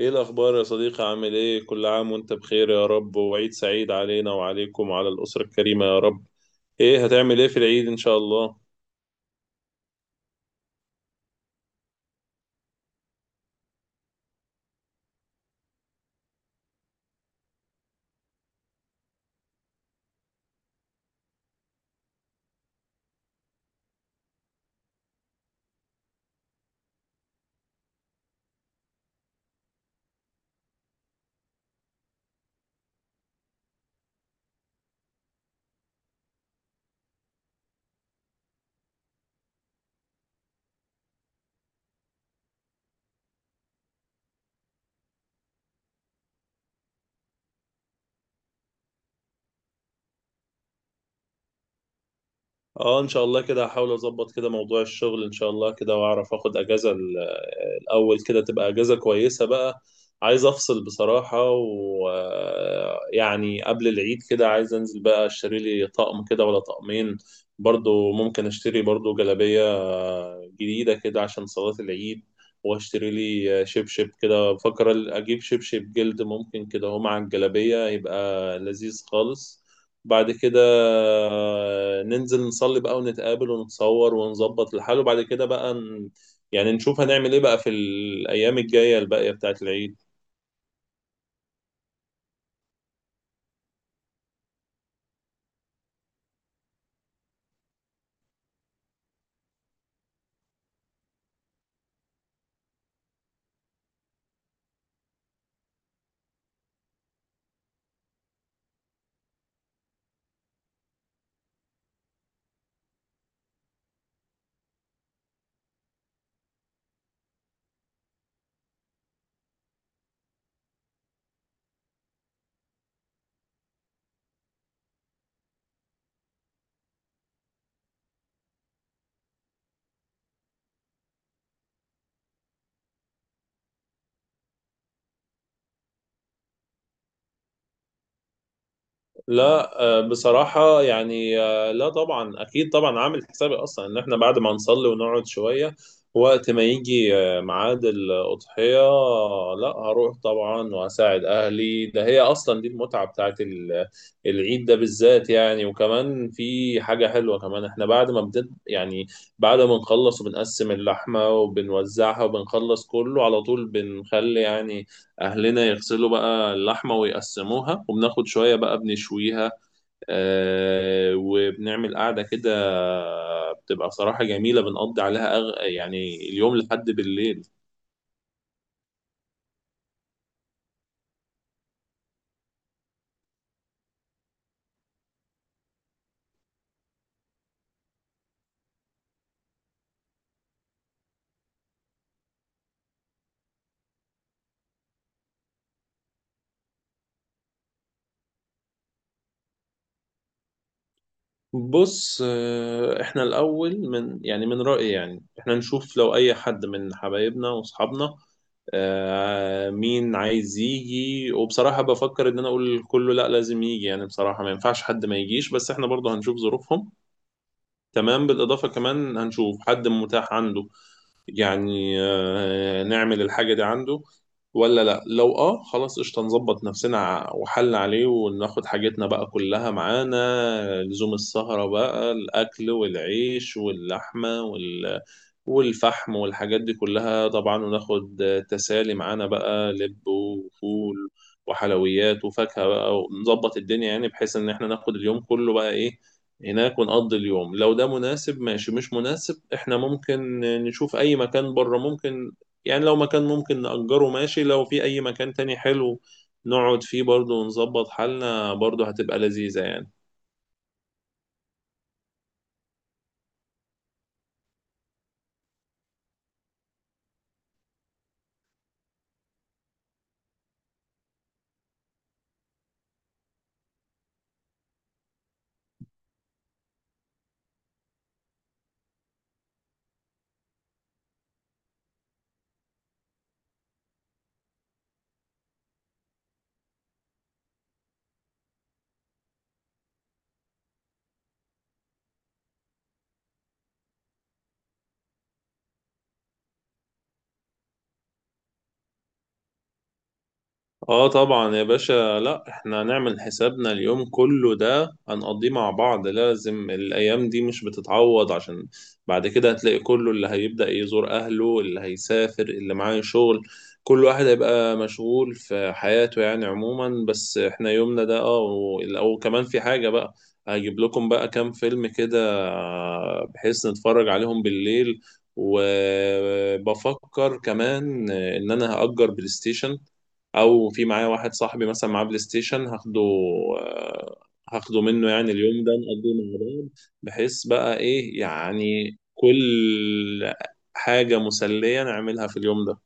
ايه الاخبار يا صديقي؟ عامل ايه؟ كل عام وانت بخير يا رب، وعيد سعيد علينا وعليكم وعلى الاسره الكريمه يا رب. ايه هتعمل ايه في العيد ان شاء الله؟ اه ان شاء الله كده هحاول اظبط كده موضوع الشغل ان شاء الله كده، واعرف اخد اجازة الاول كده تبقى اجازة كويسة بقى. عايز افصل بصراحة، ويعني قبل العيد كده عايز انزل بقى اشتري لي طقم كده ولا طقمين. برضو ممكن اشتري برضو جلابية جديدة كده عشان صلاة العيد، واشتري لي شبشب كده، بفكر اجيب شبشب جلد ممكن كده، هو مع الجلابية يبقى لذيذ خالص. بعد كده ننزل نصلي بقى ونتقابل ونتصور ونظبط الحال، وبعد كده بقى نشوف هنعمل ايه بقى في الأيام الجاية الباقية بتاعت العيد. لا آه، بصراحة يعني آه، لا طبعا أكيد طبعا، عامل حسابي أصلا إن إحنا بعد ما نصلي ونقعد شوية، وقت ما يجي ميعاد الأضحية لا هروح طبعا وهساعد أهلي. ده هي أصلا دي المتعة بتاعت العيد ده بالذات يعني. وكمان في حاجة حلوة كمان، إحنا بعد ما نخلص وبنقسم اللحمة وبنوزعها وبنخلص كله على طول، بنخلي يعني أهلنا يغسلوا بقى اللحمة ويقسموها، وبناخد شوية بقى بنشويها وبنعمل قعدة كده، بتبقى بصراحة جميلة، بنقضي عليها يعني اليوم لحد بالليل. بص احنا الأول من يعني من رأيي يعني احنا نشوف لو أي حد من حبايبنا وأصحابنا مين عايز يجي، وبصراحة بفكر إن أنا أقول كله لأ لازم يجي، يعني بصراحة ما ينفعش حد ما يجيش، بس احنا برضه هنشوف ظروفهم. تمام، بالإضافة كمان هنشوف حد متاح عنده يعني نعمل الحاجة دي عنده ولا لا. لو اه خلاص قشطة نظبط نفسنا وحل عليه، وناخد حاجتنا بقى كلها معانا لزوم السهرة بقى، الأكل والعيش واللحمة والفحم والحاجات دي كلها طبعا، وناخد تسالي معانا بقى، لب وفول وحلويات وفاكهة بقى، ونظبط الدنيا، يعني بحيث ان احنا ناخد اليوم كله بقى ايه هناك ونقضي اليوم. لو ده مناسب ماشي، مش مناسب احنا ممكن نشوف اي مكان بره، ممكن يعني لو مكان ممكن نأجره ماشي، لو في اي مكان تاني حلو نقعد فيه برضه ونظبط حالنا، برضه هتبقى لذيذة يعني. اه طبعا يا باشا، لا احنا هنعمل حسابنا اليوم كله ده هنقضيه مع بعض، لازم. الايام دي مش بتتعوض، عشان بعد كده هتلاقي كله اللي هيبدأ يزور اهله، اللي هيسافر، اللي معاه شغل، كل واحد هيبقى مشغول في حياته يعني عموما. بس احنا يومنا ده اه. او كمان في حاجة بقى، هجيب لكم بقى كام فيلم كده بحيث نتفرج عليهم بالليل. وبفكر كمان ان انا هأجر بلاي ستيشن، او في معايا واحد صاحبي مثلا معاه بلاي ستيشن هاخده آه، هاخده منه، يعني اليوم ده نقضيه مع بعض، بحيث بقى ايه يعني كل حاجة مسلية نعملها في اليوم ده.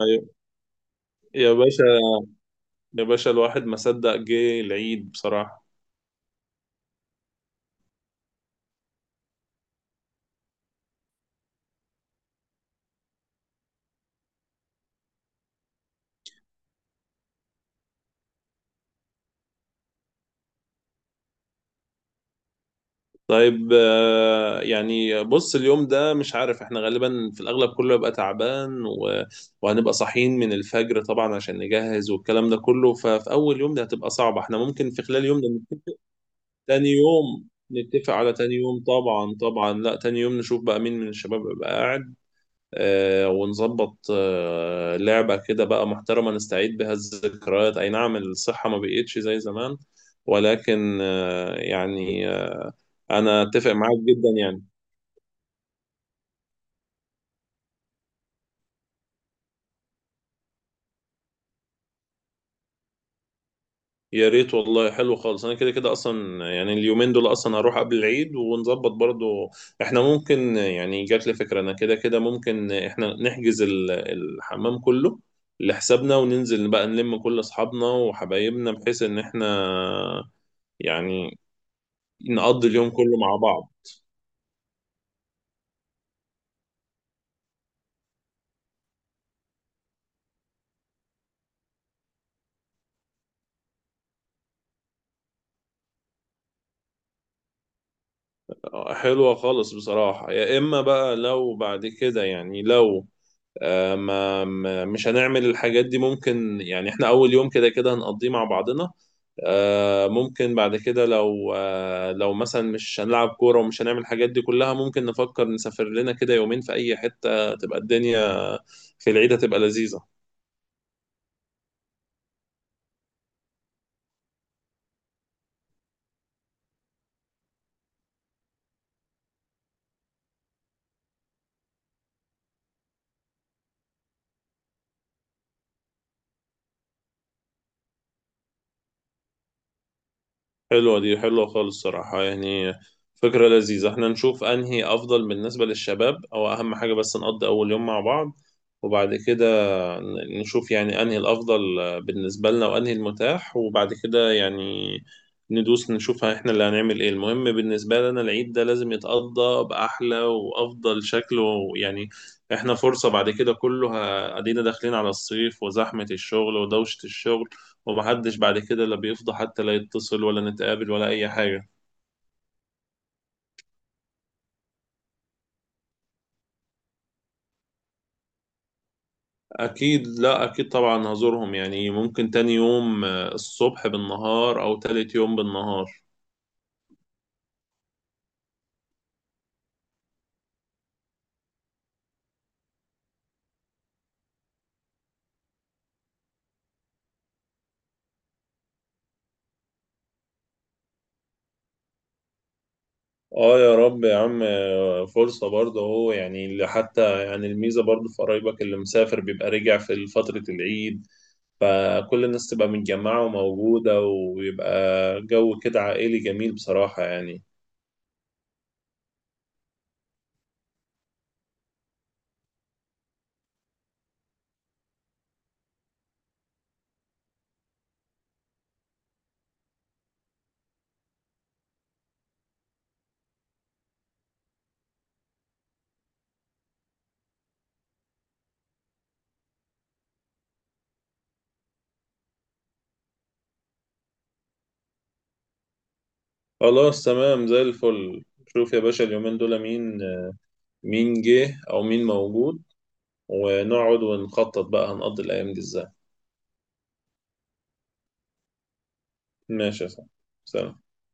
أيوة. يا باشا، يا باشا الواحد ما صدق جه العيد بصراحة. طيب يعني بص اليوم ده مش عارف، احنا غالبا في الأغلب كله يبقى تعبان و... وهنبقى صاحيين من الفجر طبعا عشان نجهز والكلام ده كله، ففي أول يوم ده هتبقى صعبة. احنا ممكن في خلال يوم، تاني يوم، نتفق على تاني يوم طبعا طبعا. لا تاني يوم نشوف بقى مين من الشباب يبقى قاعد، آه، ونظبط آه لعبة كده بقى محترمة نستعيد بها الذكريات. أي نعم الصحة ما بقيتش زي زمان، ولكن آه أنا أتفق معاك جدا يعني. يا ريت والله، حلو خالص، انا كده كده اصلا يعني اليومين دول اصلا هروح قبل العيد ونظبط برضو. احنا ممكن يعني جات لي فكرة، انا كده كده ممكن احنا نحجز الحمام كله لحسابنا، وننزل بقى نلم كل اصحابنا وحبايبنا، بحيث ان احنا يعني نقضي اليوم كله مع بعض. حلوة خالص بصراحة. يا اما بقى لو بعد كده يعني، لو مش هنعمل الحاجات دي، ممكن يعني احنا اول يوم كده كده هنقضيه مع بعضنا، ممكن بعد كده لو لو مثلا مش هنلعب كورة ومش هنعمل الحاجات دي كلها، ممكن نفكر نسافر لنا كده يومين في اي حتة، تبقى الدنيا في العيد هتبقى لذيذة. حلوة دي، حلوة خالص صراحة يعني، فكرة لذيذة. احنا نشوف انهي افضل بالنسبة للشباب، او اهم حاجة بس نقضي اول يوم مع بعض، وبعد كده نشوف يعني انهي الافضل بالنسبه لنا وانهي المتاح، وبعد كده يعني ندوس نشوف احنا اللي هنعمل ايه. المهم بالنسبه لنا العيد ده لازم يتقضى باحلى وافضل شكل، ويعني احنا فرصه بعد كده كله ادينا داخلين على الصيف وزحمه الشغل ودوشه الشغل، ومحدش بعد كده لا بيفضى حتى لا يتصل ولا نتقابل ولا اي حاجه. اكيد، لا اكيد طبعا هزورهم، يعني ممكن تاني يوم الصبح بالنهار، او تالت يوم بالنهار. اه يا رب يا عم. فرصة برضه اهو، يعني اللي حتى يعني الميزة برضه في قرايبك اللي مسافر بيبقى رجع في فترة العيد، فكل الناس تبقى متجمعة وموجودة، ويبقى جو كده عائلي جميل بصراحة يعني. خلاص تمام زي الفل. شوف يا باشا اليومين دول مين، مين جه او مين موجود، ونقعد ونخطط بقى هنقضي الايام دي ازاي. ماشي يا صاحبي. سلام.